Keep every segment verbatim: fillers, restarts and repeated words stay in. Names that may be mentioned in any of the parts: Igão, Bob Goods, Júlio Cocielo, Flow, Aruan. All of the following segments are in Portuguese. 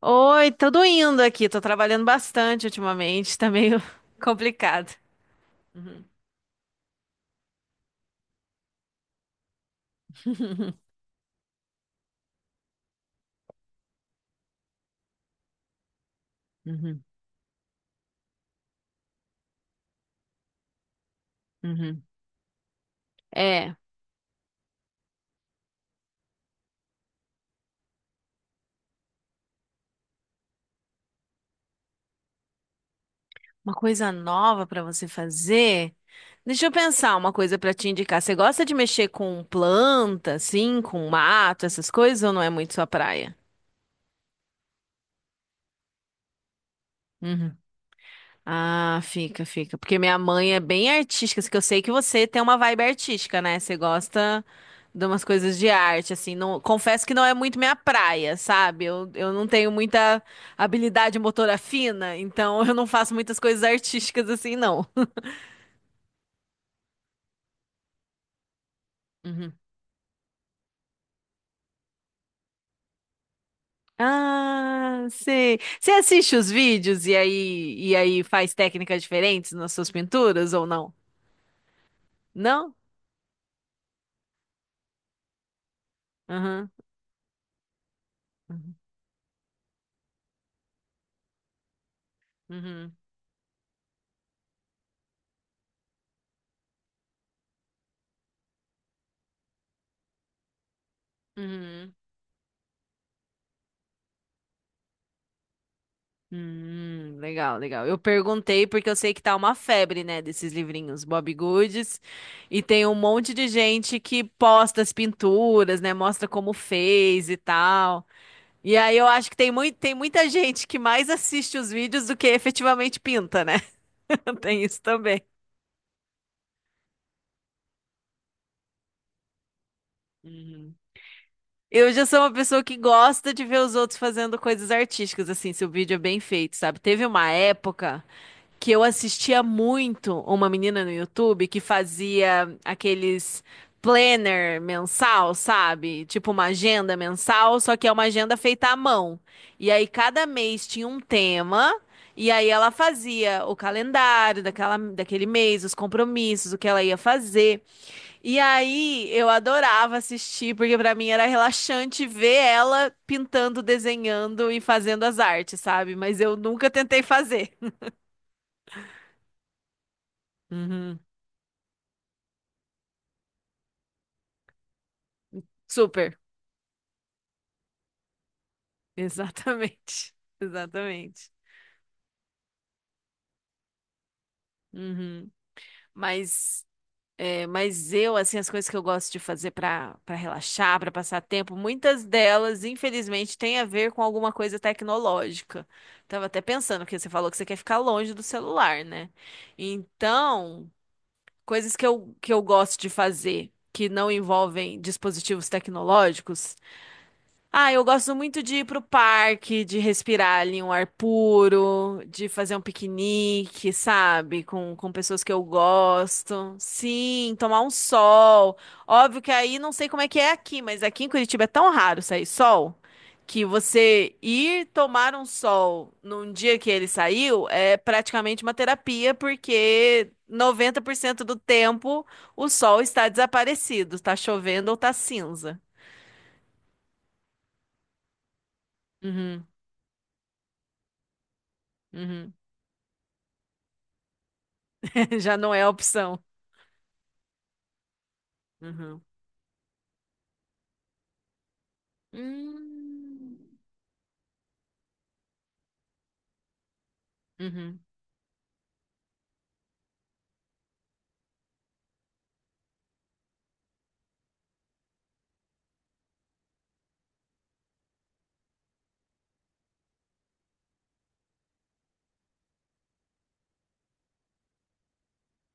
Oi, tudo indo aqui. Tô trabalhando bastante ultimamente, tá meio complicado. Uhum. Uhum. Uhum. É, uma coisa nova pra você fazer. Deixa eu pensar uma coisa pra te indicar. Você gosta de mexer com planta, assim, com mato, essas coisas, ou não é muito sua praia? Ah, fica, fica. Porque minha mãe é bem artística, assim, que eu sei que você tem uma vibe artística, né? Você gosta de umas coisas de arte, assim. Não, confesso que não é muito minha praia, sabe? Eu, eu não tenho muita habilidade motora fina, então eu não faço muitas coisas artísticas assim, não. Uhum. Ah, sei. Você assiste os vídeos e aí, e aí faz técnicas diferentes nas suas pinturas ou não? Não? Uhum. Uhum. Uhum. Uhum. Hum, legal, legal. Eu perguntei porque eu sei que tá uma febre, né, desses livrinhos Bob Goods, e tem um monte de gente que posta as pinturas, né, mostra como fez e tal. E aí eu acho que tem muito, tem muita gente que mais assiste os vídeos do que efetivamente pinta, né? Tem isso também. Uhum. Eu já sou uma pessoa que gosta de ver os outros fazendo coisas artísticas, assim, se o vídeo é bem feito, sabe? Teve uma época que eu assistia muito uma menina no YouTube que fazia aqueles planner mensal, sabe? Tipo uma agenda mensal, só que é uma agenda feita à mão. E aí cada mês tinha um tema. E aí ela fazia o calendário daquela, daquele mês, os compromissos, o que ela ia fazer. E aí eu adorava assistir, porque pra mim era relaxante ver ela pintando, desenhando e fazendo as artes, sabe? Mas eu nunca tentei fazer. Uhum. Super, exatamente, exatamente. Uhum. Mas, é, mas eu, assim, as coisas que eu gosto de fazer para para relaxar, para passar tempo, muitas delas, infelizmente, têm a ver com alguma coisa tecnológica. Tava até pensando, porque você falou que você quer ficar longe do celular, né? Então, coisas que eu, que eu gosto de fazer que não envolvem dispositivos tecnológicos. Ah, eu gosto muito de ir pro parque, de respirar ali um ar puro, de fazer um piquenique, sabe? Com, com pessoas que eu gosto. Sim, tomar um sol. Óbvio que aí não sei como é que é aqui, mas aqui em Curitiba é tão raro sair sol que você ir tomar um sol num dia que ele saiu é praticamente uma terapia, porque noventa por cento do tempo o sol está desaparecido, está chovendo ou está cinza. Uhum, uhum. Já não é a opção. Uhum. Hum. Uhum.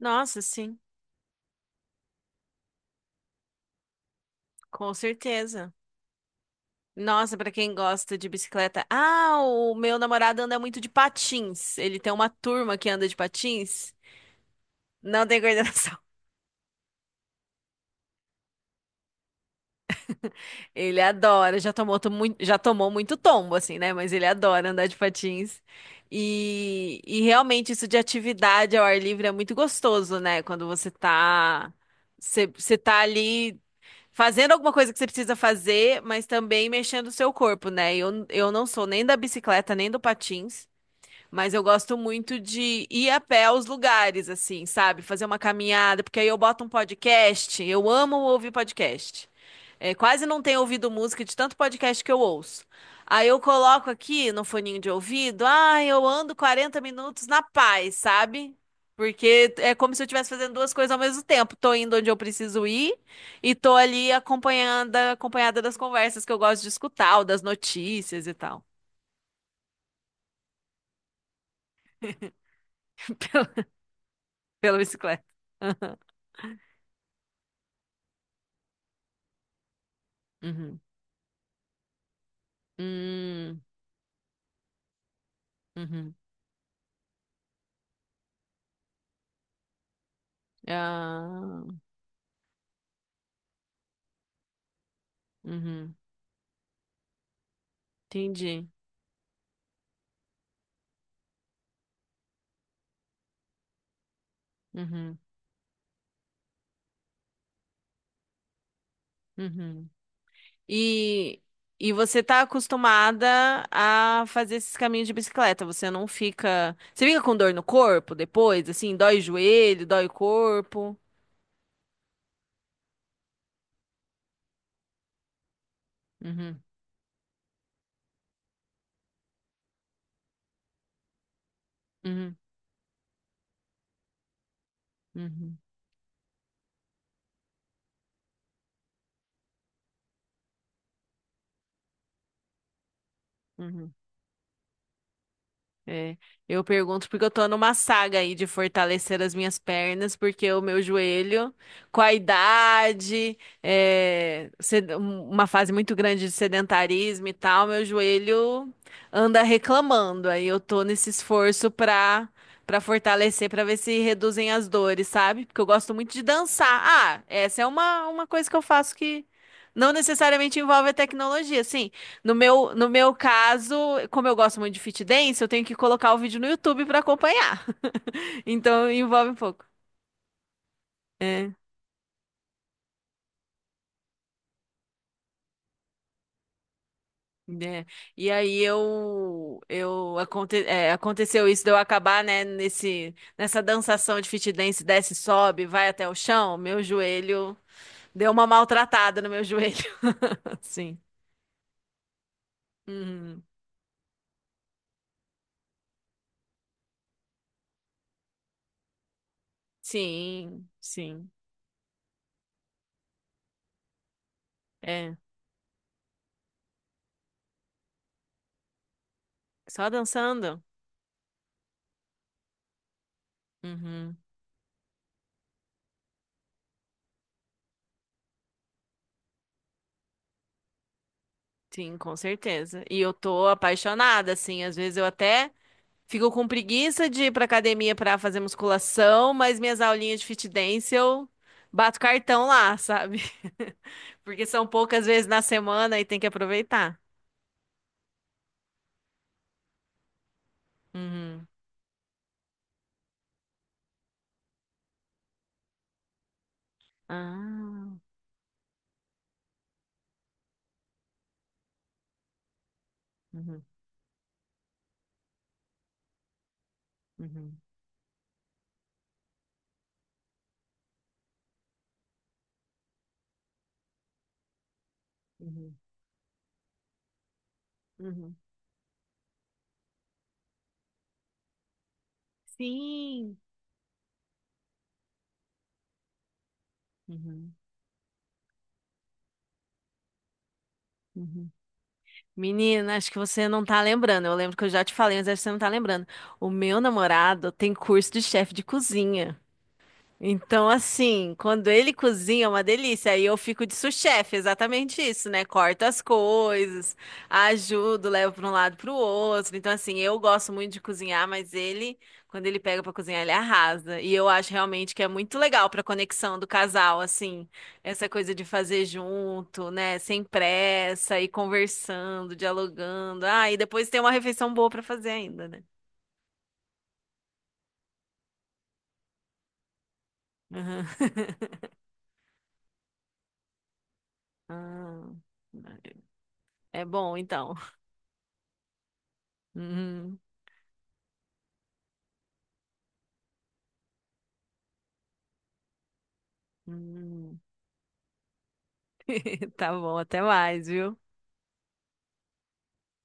Nossa, sim, com certeza. Nossa, pra quem gosta de bicicleta. Ah, o meu namorado anda muito de patins. Ele tem uma turma que anda de patins. Não tem coordenação. Ele adora, já tomou, to- mui- já tomou muito tombo, assim, né? Mas ele adora andar de patins. E, e realmente isso de atividade ao ar livre é muito gostoso, né? Quando você tá. Você você tá ali fazendo alguma coisa que você precisa fazer, mas também mexendo o seu corpo, né? Eu, eu não sou nem da bicicleta, nem do patins. Mas eu gosto muito de ir a pé aos lugares, assim, sabe? Fazer uma caminhada, porque aí eu boto um podcast. Eu amo ouvir podcast. É, quase não tenho ouvido música de tanto podcast que eu ouço. Aí eu coloco aqui no foninho de ouvido, ah, eu ando quarenta minutos na paz, sabe? Porque é como se eu estivesse fazendo duas coisas ao mesmo tempo. Tô indo onde eu preciso ir e tô ali acompanhando, acompanhada das conversas que eu gosto de escutar, ou das notícias e tal, pela bicicleta. Hum, uhum. Ah, uhum. Entendi. Uhum, uhum. E, e você está acostumada a fazer esses caminhos de bicicleta? Você não fica. Você fica com dor no corpo depois? Assim, dói o joelho, dói o corpo? Uhum, uhum, uhum, uhum. É, eu pergunto porque eu tô numa saga aí de fortalecer as minhas pernas, porque o meu joelho, com a idade, é, sed- um, uma fase muito grande de sedentarismo e tal, meu joelho anda reclamando. Aí eu tô nesse esforço pra, pra fortalecer, pra ver se reduzem as dores, sabe? Porque eu gosto muito de dançar. Ah, essa é uma, uma coisa que eu faço que não necessariamente envolve a tecnologia. Sim, no meu, no meu caso, como eu gosto muito de fit dance, eu tenho que colocar o vídeo no YouTube para acompanhar. Então envolve um pouco. É, né? E aí eu, eu aconte, é, aconteceu isso de eu acabar, né, nesse, nessa dançação de fit dance, desce, sobe, vai até o chão, meu joelho deu uma maltratada no meu joelho, assim. Uhum. Sim, sim. É, só dançando. Uhum. Sim, com certeza. E eu tô apaixonada, assim, às vezes eu até fico com preguiça de ir pra academia pra fazer musculação, mas minhas aulinhas de fit dance eu bato cartão lá, sabe? Porque são poucas vezes na semana e tem que aproveitar. Uhum. Ah, uhum, uhum, uhum, uhum. Sim. Uhum, uhum. Menina, acho que você não tá lembrando. Eu lembro que eu já te falei, mas acho que você não tá lembrando. O meu namorado tem curso de chefe de cozinha. Então, assim, quando ele cozinha é uma delícia. Aí eu fico de sous-chefe, exatamente isso, né? Corto as coisas, ajudo, levo para um lado para o outro. Então, assim, eu gosto muito de cozinhar, mas ele, quando ele pega para cozinhar, ele arrasa. E eu acho realmente que é muito legal para conexão do casal, assim, essa coisa de fazer junto, né? Sem pressa, e conversando, dialogando. Ah, e depois tem uma refeição boa para fazer ainda, né? Aham. Ah, é bom, então. Uhum, uhum. Tá bom, até mais, viu?